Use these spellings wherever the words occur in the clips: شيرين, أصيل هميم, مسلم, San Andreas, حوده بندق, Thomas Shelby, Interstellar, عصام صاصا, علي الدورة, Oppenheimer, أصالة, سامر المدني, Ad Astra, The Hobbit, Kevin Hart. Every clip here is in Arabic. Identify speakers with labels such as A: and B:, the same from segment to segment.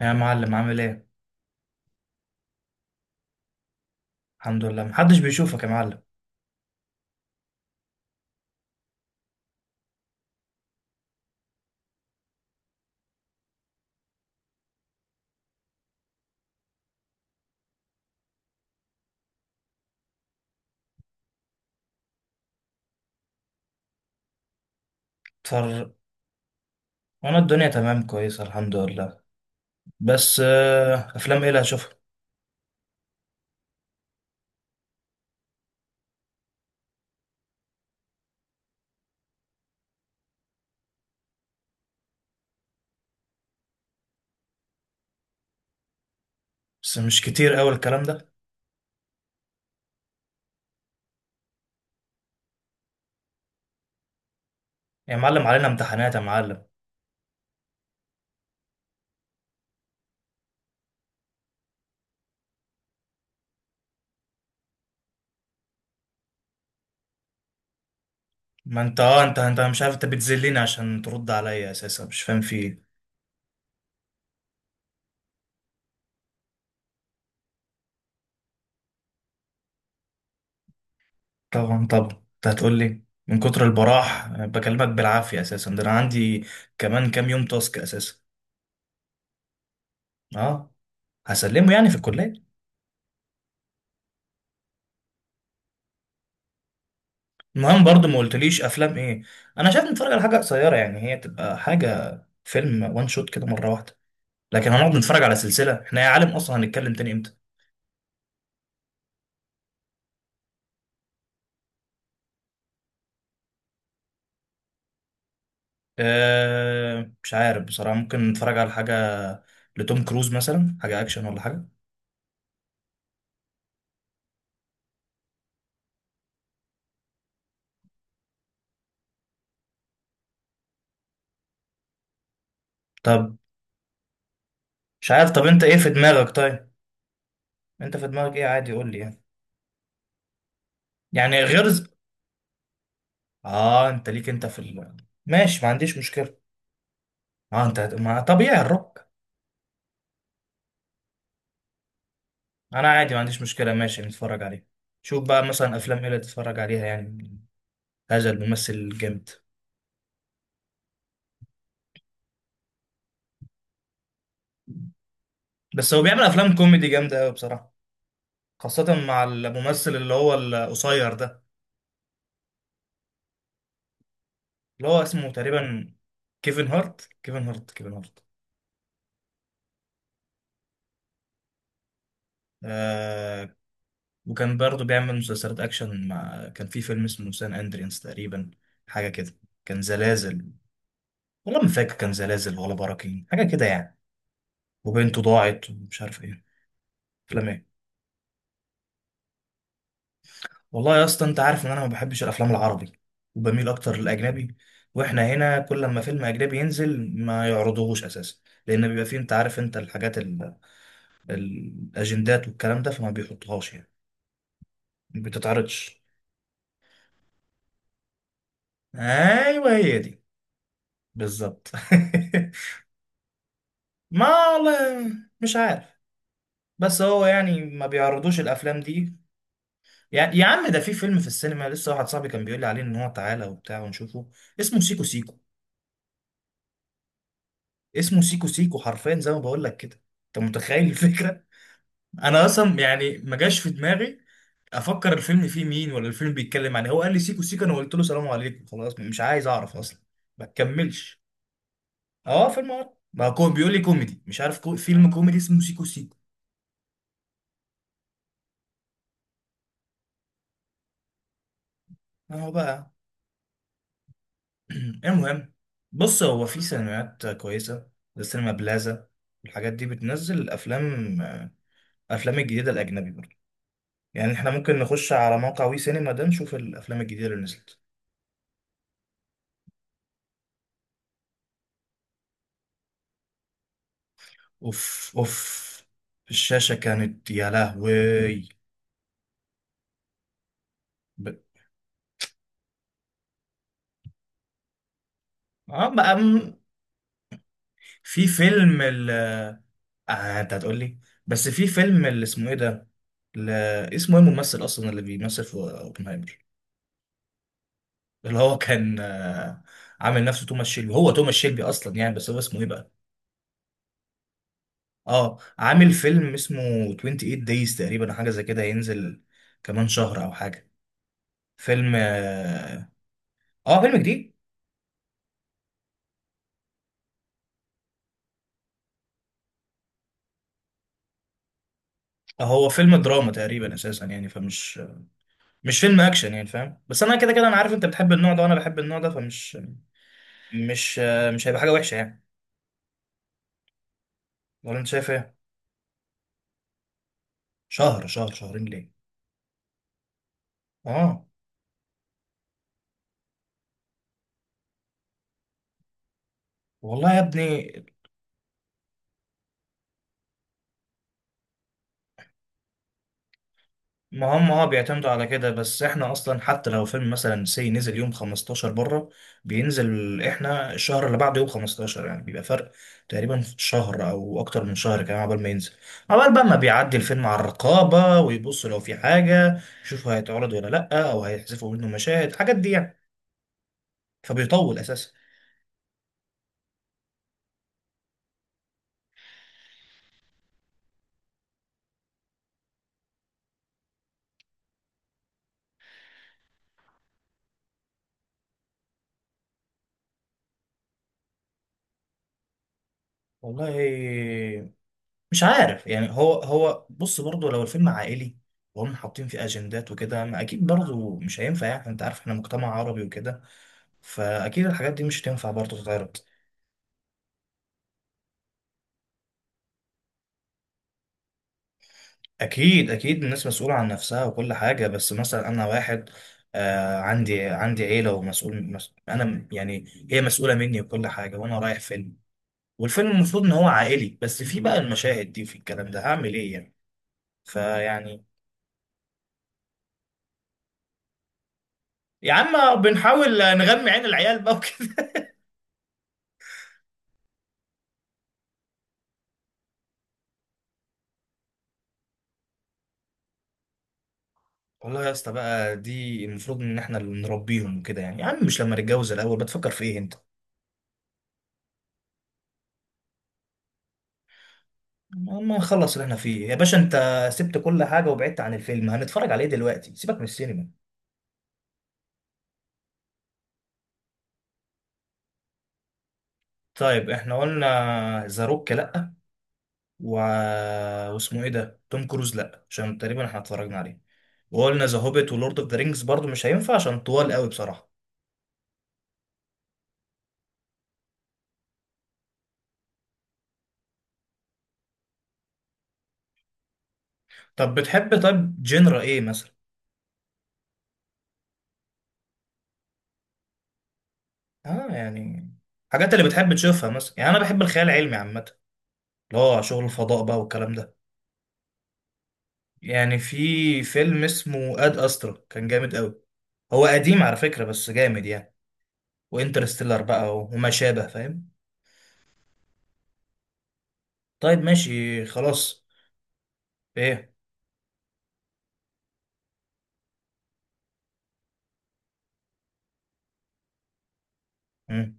A: يا معلم، عامل ايه؟ الحمد لله، محدش بيشوفك يا معلم. اتفرج. وانا الدنيا تمام، كويسة الحمد لله. بس افلام ايه اللي هشوفها؟ بس مش كتير قوي الكلام ده. يا معلم علينا امتحانات يا معلم. ما انت انت مش عارف، انت بتذلني عشان ترد عليا اساسا، مش فاهم في ايه. طبعا طبعا. انت هتقول لي من كتر البراح أنا بكلمك بالعافية؟ اساسا ده انا عندي كمان كام يوم تاسك اساسا. اه، هسلمه يعني في الكلية. المهم برضو ما قلتليش افلام ايه. انا شايف نتفرج على حاجه قصيره، يعني هي تبقى حاجه، فيلم وان شوت كده مره واحده. لكن هنقعد نتفرج على سلسله احنا يا عالم؟ اصلا هنتكلم تاني امتى؟ أه، مش عارف بصراحه، ممكن نتفرج على حاجه لتوم كروز مثلا، حاجه اكشن ولا حاجه. طب مش عارف، طب انت ايه في دماغك طيب؟ انت في دماغك ايه؟ عادي قول لي يعني. يعني غير اه، انت ليك، انت ماشي، ما عنديش مشكله. اه، انت ما طبيعي الروك. انا عادي ما عنديش مشكله، ماشي نتفرج عليه. شوف بقى مثلا افلام ايه اللي تتفرج عليها يعني. هذا الممثل جامد. بس هو بيعمل افلام كوميدي جامده قوي بصراحه، خاصه مع الممثل اللي هو القصير ده، اللي هو اسمه تقريبا كيفن هارت، كيفن هارت، كيفن هارت آه وكان برضه بيعمل مسلسلات اكشن، مع كان في فيلم اسمه سان اندريانس تقريبا، حاجه كده. كان زلازل، والله ما فاكر كان زلازل ولا براكين، حاجه كده يعني. وبنته ضاعت ومش عارف ايه. افلام ايه؟ والله يا اسطى، انت عارف ان انا ما بحبش الافلام العربي، وبميل اكتر للاجنبي. واحنا هنا كل ما فيلم اجنبي ينزل ما يعرضوهوش اساسا، لان بيبقى فيه، انت عارف انت الاجندات والكلام ده، فما بيحطهاش يعني. ما بتتعرضش. ايوه هي دي. بالظبط. ما والله مش عارف، بس هو يعني ما بيعرضوش الافلام دي. يعني يا عم، ده في فيلم في السينما لسه، واحد صاحبي كان بيقول لي عليه ان هو تعالى وبتاع ونشوفه. اسمه سيكو سيكو. اسمه سيكو سيكو حرفيا، زي ما بقول لك كده. انت متخيل الفكره؟ انا اصلا يعني ما جاش في دماغي افكر الفيلم فيه مين ولا الفيلم بيتكلم عن إيه. هو قال لي سيكو سيكو، انا قلت له سلام عليكم، خلاص مش عايز اعرف اصلا. ما تكملش. اه فيلم عربي. ما هو بيقول لي كوميدي، مش عارف فيلم كوميدي اسمه سيكو سيكو. اهو بقى. المهم، بص هو في سينمات كويسه زي سينما بلازا. الحاجات دي بتنزل افلام الجديده الاجنبي برضه. يعني احنا ممكن نخش على موقع وي سينما ده، نشوف الافلام الجديده اللي نزلت. اوف اوف، الشاشه كانت يا لهوي. ب... اه بقى، في فيلم ال... آه انت هتقول لي، بس في فيلم اللي اسمه ايه ده، ل... اسمه ايه الممثل اصلا اللي بيمثل في اوبنهايمر، اللي هو كان عامل نفسه توماس شيلبي. هو توماس شيلبي اصلا يعني، بس هو اسمه ايه بقى؟ اه، عامل فيلم اسمه 28 دايز تقريبا، أو حاجه زي كده، هينزل كمان شهر او حاجه. فيلم آه، اه، فيلم جديد. هو فيلم دراما تقريبا اساسا يعني، فمش مش فيلم اكشن يعني، فاهم؟ بس انا كده كده انا عارف انت بتحب النوع ده وانا بحب النوع ده، فمش مش مش هيبقى حاجه وحشه يعني. ولا انت شايف ايه؟ شهر، شهر، شهرين ليه؟ اه. والله يا ابني، ما هم بيعتمدوا على كده، بس احنا اصلا حتى لو فيلم مثلا سي نزل يوم 15 بره، بينزل احنا الشهر اللي بعده يوم 15، يعني بيبقى فرق تقريبا شهر او اكتر من شهر كمان عبال ما ينزل، عبال بقى ما بيعدي الفيلم على الرقابة ويبصوا لو في حاجة، يشوفوا هيتعرض ولا لأ، او هيحذفوا منه مشاهد، الحاجات دي يعني، فبيطول اساسا. والله مش عارف يعني، هو بص برضه لو الفيلم عائلي وهم حاطين فيه اجندات وكده، ما اكيد برضه مش هينفع. يعني انت عارف احنا مجتمع عربي وكده، فاكيد الحاجات دي مش هتنفع برضه تتعرض. اكيد اكيد الناس مسؤوله عن نفسها وكل حاجه، بس مثلا انا واحد عندي عيله ومسؤول، انا يعني هي مسؤوله مني وكل حاجه، وانا رايح فيلم والفيلم المفروض ان هو عائلي، بس في بقى المشاهد دي، في الكلام ده، هعمل ايه يعني؟ فيعني، يا عم بنحاول نغمي عين العيال بقى وكده. والله يا اسطى بقى، دي المفروض ان احنا اللي نربيهم وكده يعني. يا عم مش لما نتجوز الاول، بتفكر في ايه انت؟ اما نخلص اللي احنا فيه يا باشا. انت سبت كل حاجة وبعدت عن الفيلم، هنتفرج عليه دلوقتي، سيبك من السينما. طيب احنا قلنا ذا روك لا، و... واسمه ايه ده، توم كروز لا عشان تقريبا احنا اتفرجنا عليه. وقلنا ذا هوبيت ولورد اوف ذا رينجز برضو مش هينفع عشان طوال قوي بصراحة. طب بتحب طيب جنرا ايه مثلا؟ اه يعني حاجات اللي بتحب تشوفها مثلا يعني، انا بحب الخيال العلمي عامة، اللي هو شغل الفضاء بقى والكلام ده. يعني في فيلم اسمه اد استرا كان جامد قوي. هو قديم على فكرة بس جامد يعني. وانترستيلر بقى وما شابه، فاهم؟ طيب ماشي خلاص. ايه. مم.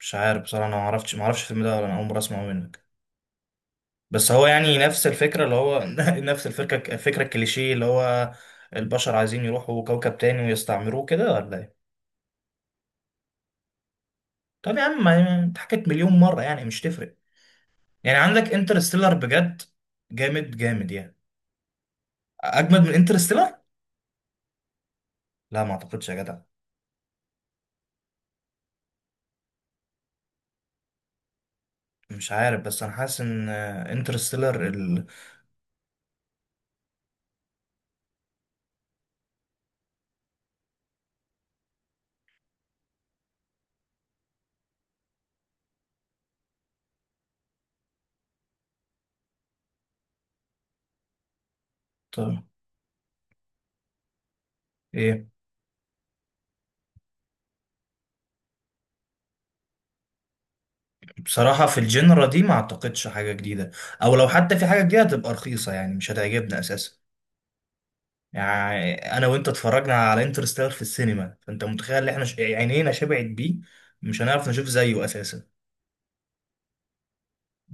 A: مش عارف بصراحة، انا ما اعرفش الفيلم ده، ولا انا اول مرة اسمعه منك. بس هو يعني نفس الفكرة اللي هو نفس الفكرة الكليشيه، اللي هو البشر عايزين يروحوا كوكب تاني ويستعمروه كده، ولا ايه؟ طب يا عم، اتحكت مليون مرة يعني، مش تفرق. يعني عندك انترستيلر بجد، جامد جامد يعني. اجمد من انترستيلر؟ لا ما اعتقدش يا جدع. مش عارف بس انا حاسس ان انترستيلر. طب ايه؟ بصراحة في الجنرا دي ما اعتقدش حاجة جديدة، او لو حتى في حاجة جديدة تبقى رخيصة يعني مش هتعجبنا اساسا. يعني انا وانت اتفرجنا على انترستيلر في السينما، فانت متخيل ان احنا عينينا شبعت بيه، مش هنعرف نشوف زيه اساسا.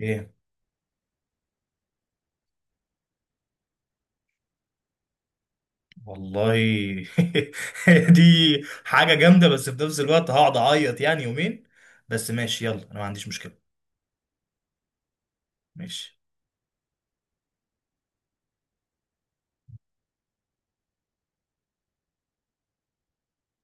A: ايه والله. دي حاجة جامدة بس في نفس الوقت هقعد اعيط يعني يومين. بس ماشي، يلا انا ما عنديش مشكلة. ماشي.